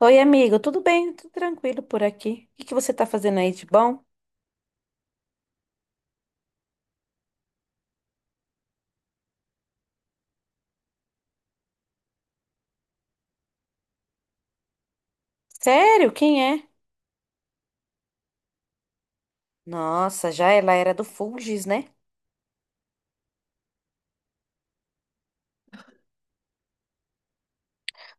Oi, amigo, tudo bem? Tudo tranquilo por aqui. O que que você tá fazendo aí de bom? Sério? Quem é? Nossa, já ela era do Fulgis, né?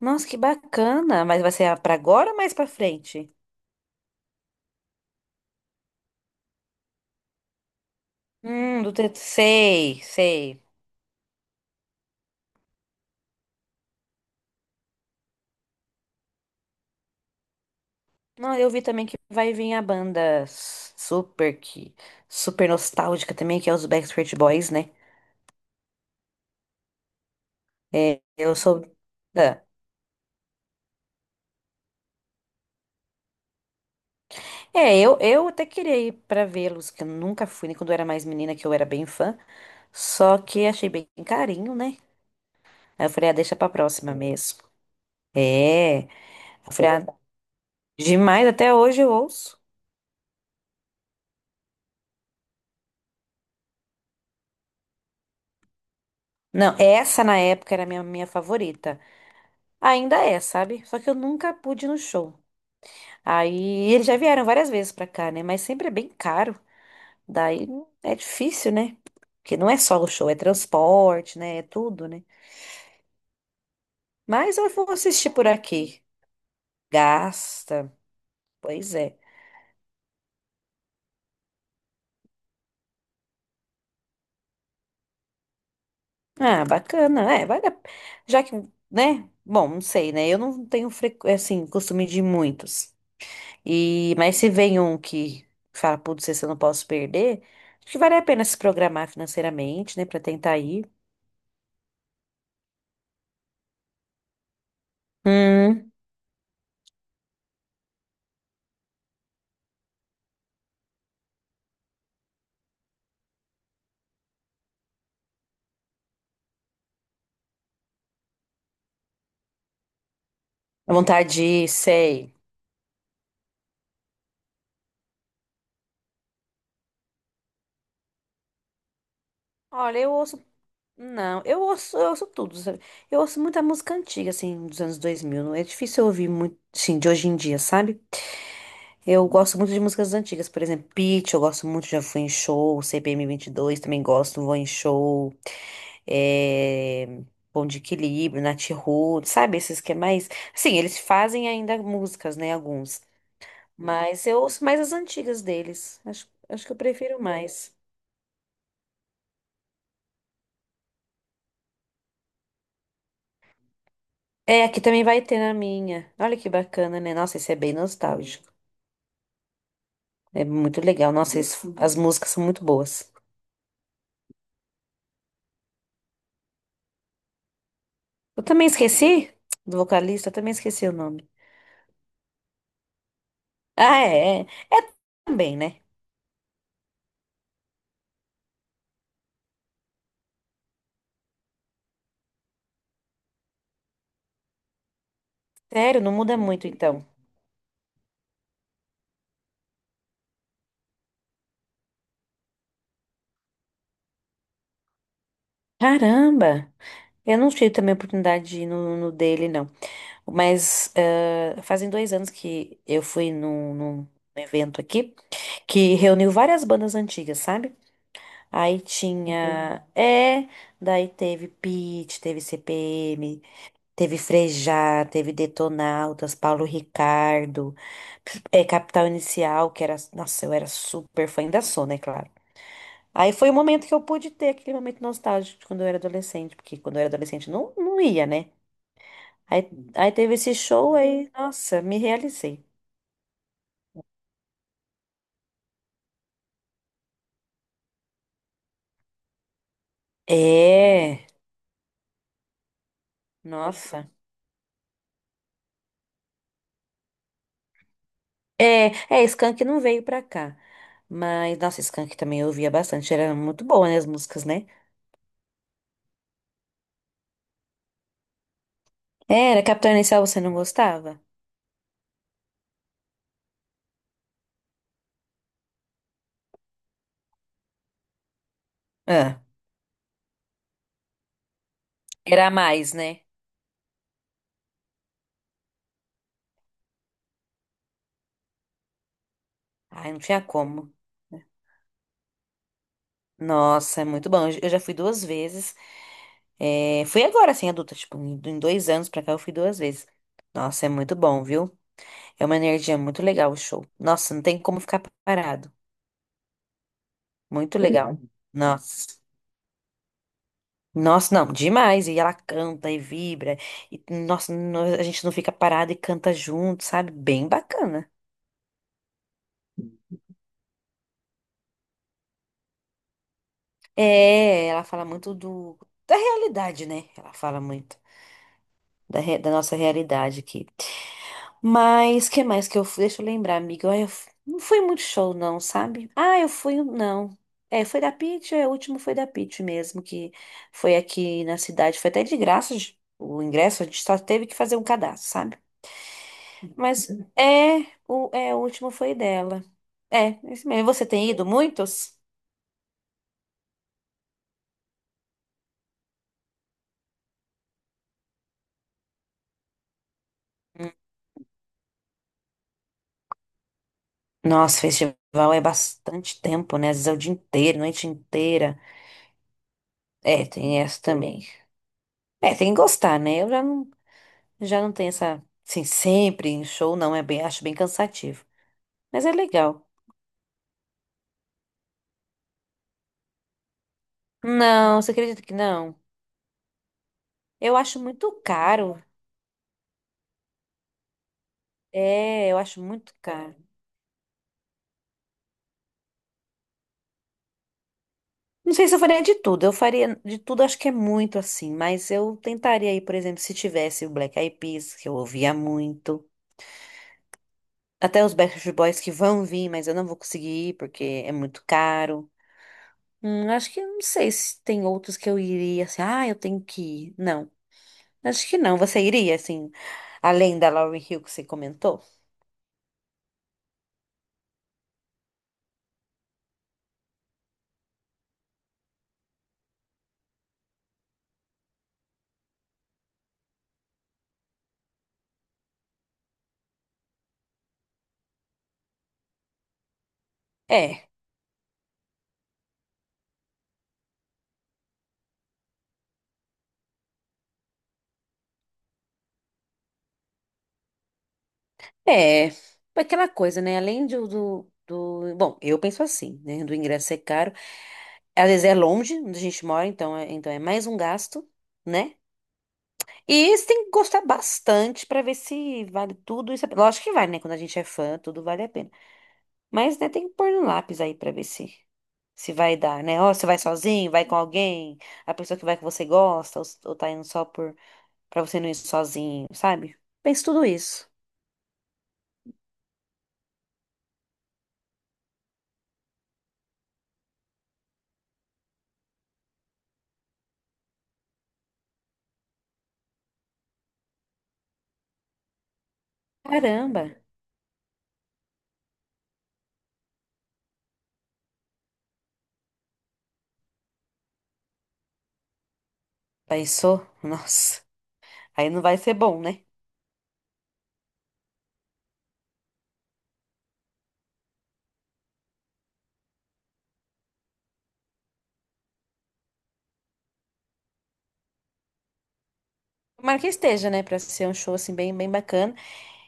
Nossa, que bacana. Mas vai ser pra agora ou mais pra frente? Do T, sei, sei. Não, eu vi também que vai vir a banda super que super nostálgica também, que é os Backstreet Boys, né? É, eu sou ah. É, eu até queria ir pra vê-los, que eu nunca fui, nem quando eu era mais menina, que eu era bem fã. Só que achei bem carinho, né? Aí eu falei, ah, deixa pra próxima mesmo. É, eu falei, ah, demais, até hoje eu ouço. Não, essa na época era a minha favorita. Ainda é, sabe? Só que eu nunca pude ir no show. Aí eles já vieram várias vezes pra cá, né? Mas sempre é bem caro. Daí é difícil, né? Porque não é só o show, é transporte, né? É tudo, né? Mas eu vou assistir por aqui. Gasta. Pois é. Ah, bacana. É, vale a... Já que, né? Bom, não sei, né? Eu não tenho, assim, costume de ir muitos. E... mas se vem um que fala, putz, esse eu não posso perder, acho que vale a pena se programar financeiramente, né? Pra tentar ir. Hum, a vontade de ir, sei. Olha, eu ouço... Não, eu ouço tudo, sabe? Eu ouço muita música antiga, assim, dos anos 2000. Não é difícil eu ouvir muito, sim, de hoje em dia, sabe? Eu gosto muito de músicas antigas, por exemplo, Pitty, eu gosto muito, já fui em show, CPM dois, também gosto, vou em show, é... Bom de Equilíbrio, Nat Roots, sabe, esses que é mais... Sim, eles fazem ainda músicas, né, alguns, mas eu ouço mais as antigas deles, acho que eu prefiro mais. É, aqui também vai ter na minha, olha que bacana, né, nossa, isso é bem nostálgico, é muito legal, nossa, as músicas são muito boas. Eu também esqueci do vocalista, eu também esqueci o nome. Ah, é. É também, né? Sério, não muda muito então. Caramba! Eu não tive também a oportunidade de ir no dele, não. Mas fazem dois anos que eu fui num evento aqui que reuniu várias bandas antigas, sabe? Aí tinha. É, daí teve Pitty, teve CPM, teve Frejá, teve Detonautas, Paulo Ricardo, é, Capital Inicial, que era. Nossa, eu era super fã, ainda sou, né, claro. Aí foi o momento que eu pude ter aquele momento nostálgico de quando eu era adolescente, porque quando eu era adolescente não, não ia, né? Aí, aí teve esse show aí, nossa, me realizei. É, nossa. É, é, Skank não veio pra cá. Mas, nossa, Skank também eu ouvia bastante. Era muito boa, né, as músicas, né? Era, Capital Inicial você não gostava? Ah, era a mais, né? Ai, não tinha como. Nossa, é muito bom. Eu já fui duas vezes. É, fui agora, assim, adulta, tipo, em dois anos pra cá eu fui duas vezes. Nossa, é muito bom, viu? É uma energia muito legal o show. Nossa, não tem como ficar parado. Muito legal. Nossa. Nossa, não, demais. E ela canta e vibra. E, nossa, a gente não fica parado e canta junto, sabe? Bem bacana. É, ela fala muito do, da realidade, né? Ela fala muito da, da nossa realidade aqui. Mas que mais que eu fui? Deixa eu lembrar, amiga. Ai, não foi muito show, não, sabe? Ah, eu fui um, não. É, foi da Pitty, é, o último foi da Pitty mesmo, que foi aqui na cidade. Foi até de graça o ingresso, a gente só teve que fazer um cadastro, sabe? Mas é, o, é, o último foi dela. É, é isso mesmo. Você tem ido muitos? Hum. Nossa, festival é bastante tempo, né? Às vezes é o dia inteiro, noite inteira. É, tem essa também. É, tem que gostar, né? Eu já não. Já não tem essa. Sim, sempre em show não, é bem, acho bem cansativo. Mas é legal. Não, você acredita que não? Eu acho muito caro. É, eu acho muito caro. Não sei se eu faria de tudo. Eu faria de tudo, acho que é muito assim. Mas eu tentaria aí, por exemplo, se tivesse o Black Eyed Peas, que eu ouvia muito. Até os Backstreet Boys que vão vir, mas eu não vou conseguir ir porque é muito caro. Acho que não sei se tem outros que eu iria assim. Ah, eu tenho que ir. Não. Acho que não. Você iria, assim, além da Lauryn Hill que você comentou? É, é. Aquela coisa, né? Além bom, eu penso assim, né? Do ingresso ser caro. Às vezes é longe onde a gente mora, então é mais um gasto, né? E você tem que gostar bastante pra ver se vale tudo isso. A pena. Lógico que vale, né? Quando a gente é fã, tudo vale a pena. Mas, né, tem que pôr no lápis aí pra ver se. Se vai dar, né? Ó, você vai sozinho, vai com alguém, a pessoa que vai que você gosta, ou, ou tá indo só por. Pra você não ir sozinho, sabe? Pense tudo isso. Caramba, pensou? Nossa, aí não vai ser bom, né? Tomara que esteja, né? Pra ser um show assim bem, bem bacana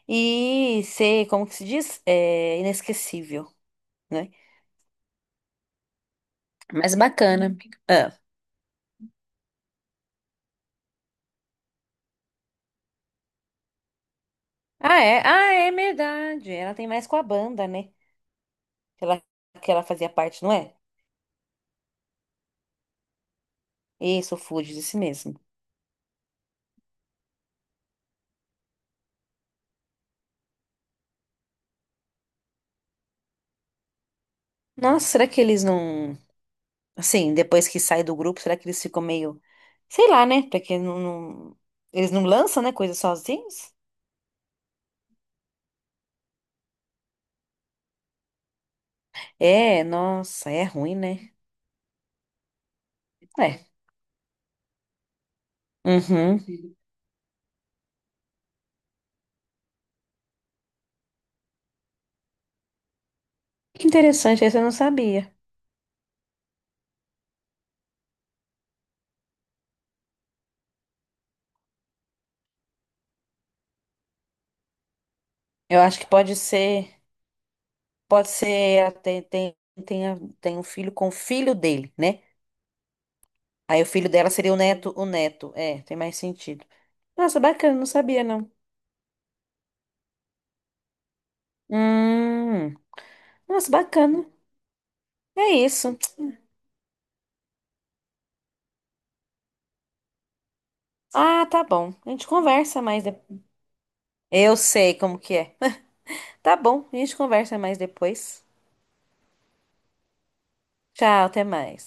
e ser, como que se diz? É, inesquecível, né? Mas bacana. Ah. Ah, é? Ah, é verdade. Ela tem mais com a banda, né? Que ela, que ela fazia parte, não é? Isso, o Fuji, disse mesmo. Nossa, será que eles não. Assim, depois que sai do grupo, será que eles ficam meio. Sei lá, né? Porque não eles não lançam, né? Coisa sozinhos? É, nossa, é ruim, né? É. Uhum. Que interessante, esse eu não sabia. Eu acho que pode ser. Pode ser. Ela tem um filho com o filho dele, né? Aí o filho dela seria o neto. É, tem mais sentido. Nossa, bacana, não sabia, não. Hum, nossa, bacana. É isso. Ah, tá bom. A gente conversa mais depois. Eu sei como que é. Tá bom, a gente conversa mais depois. Tchau, até mais.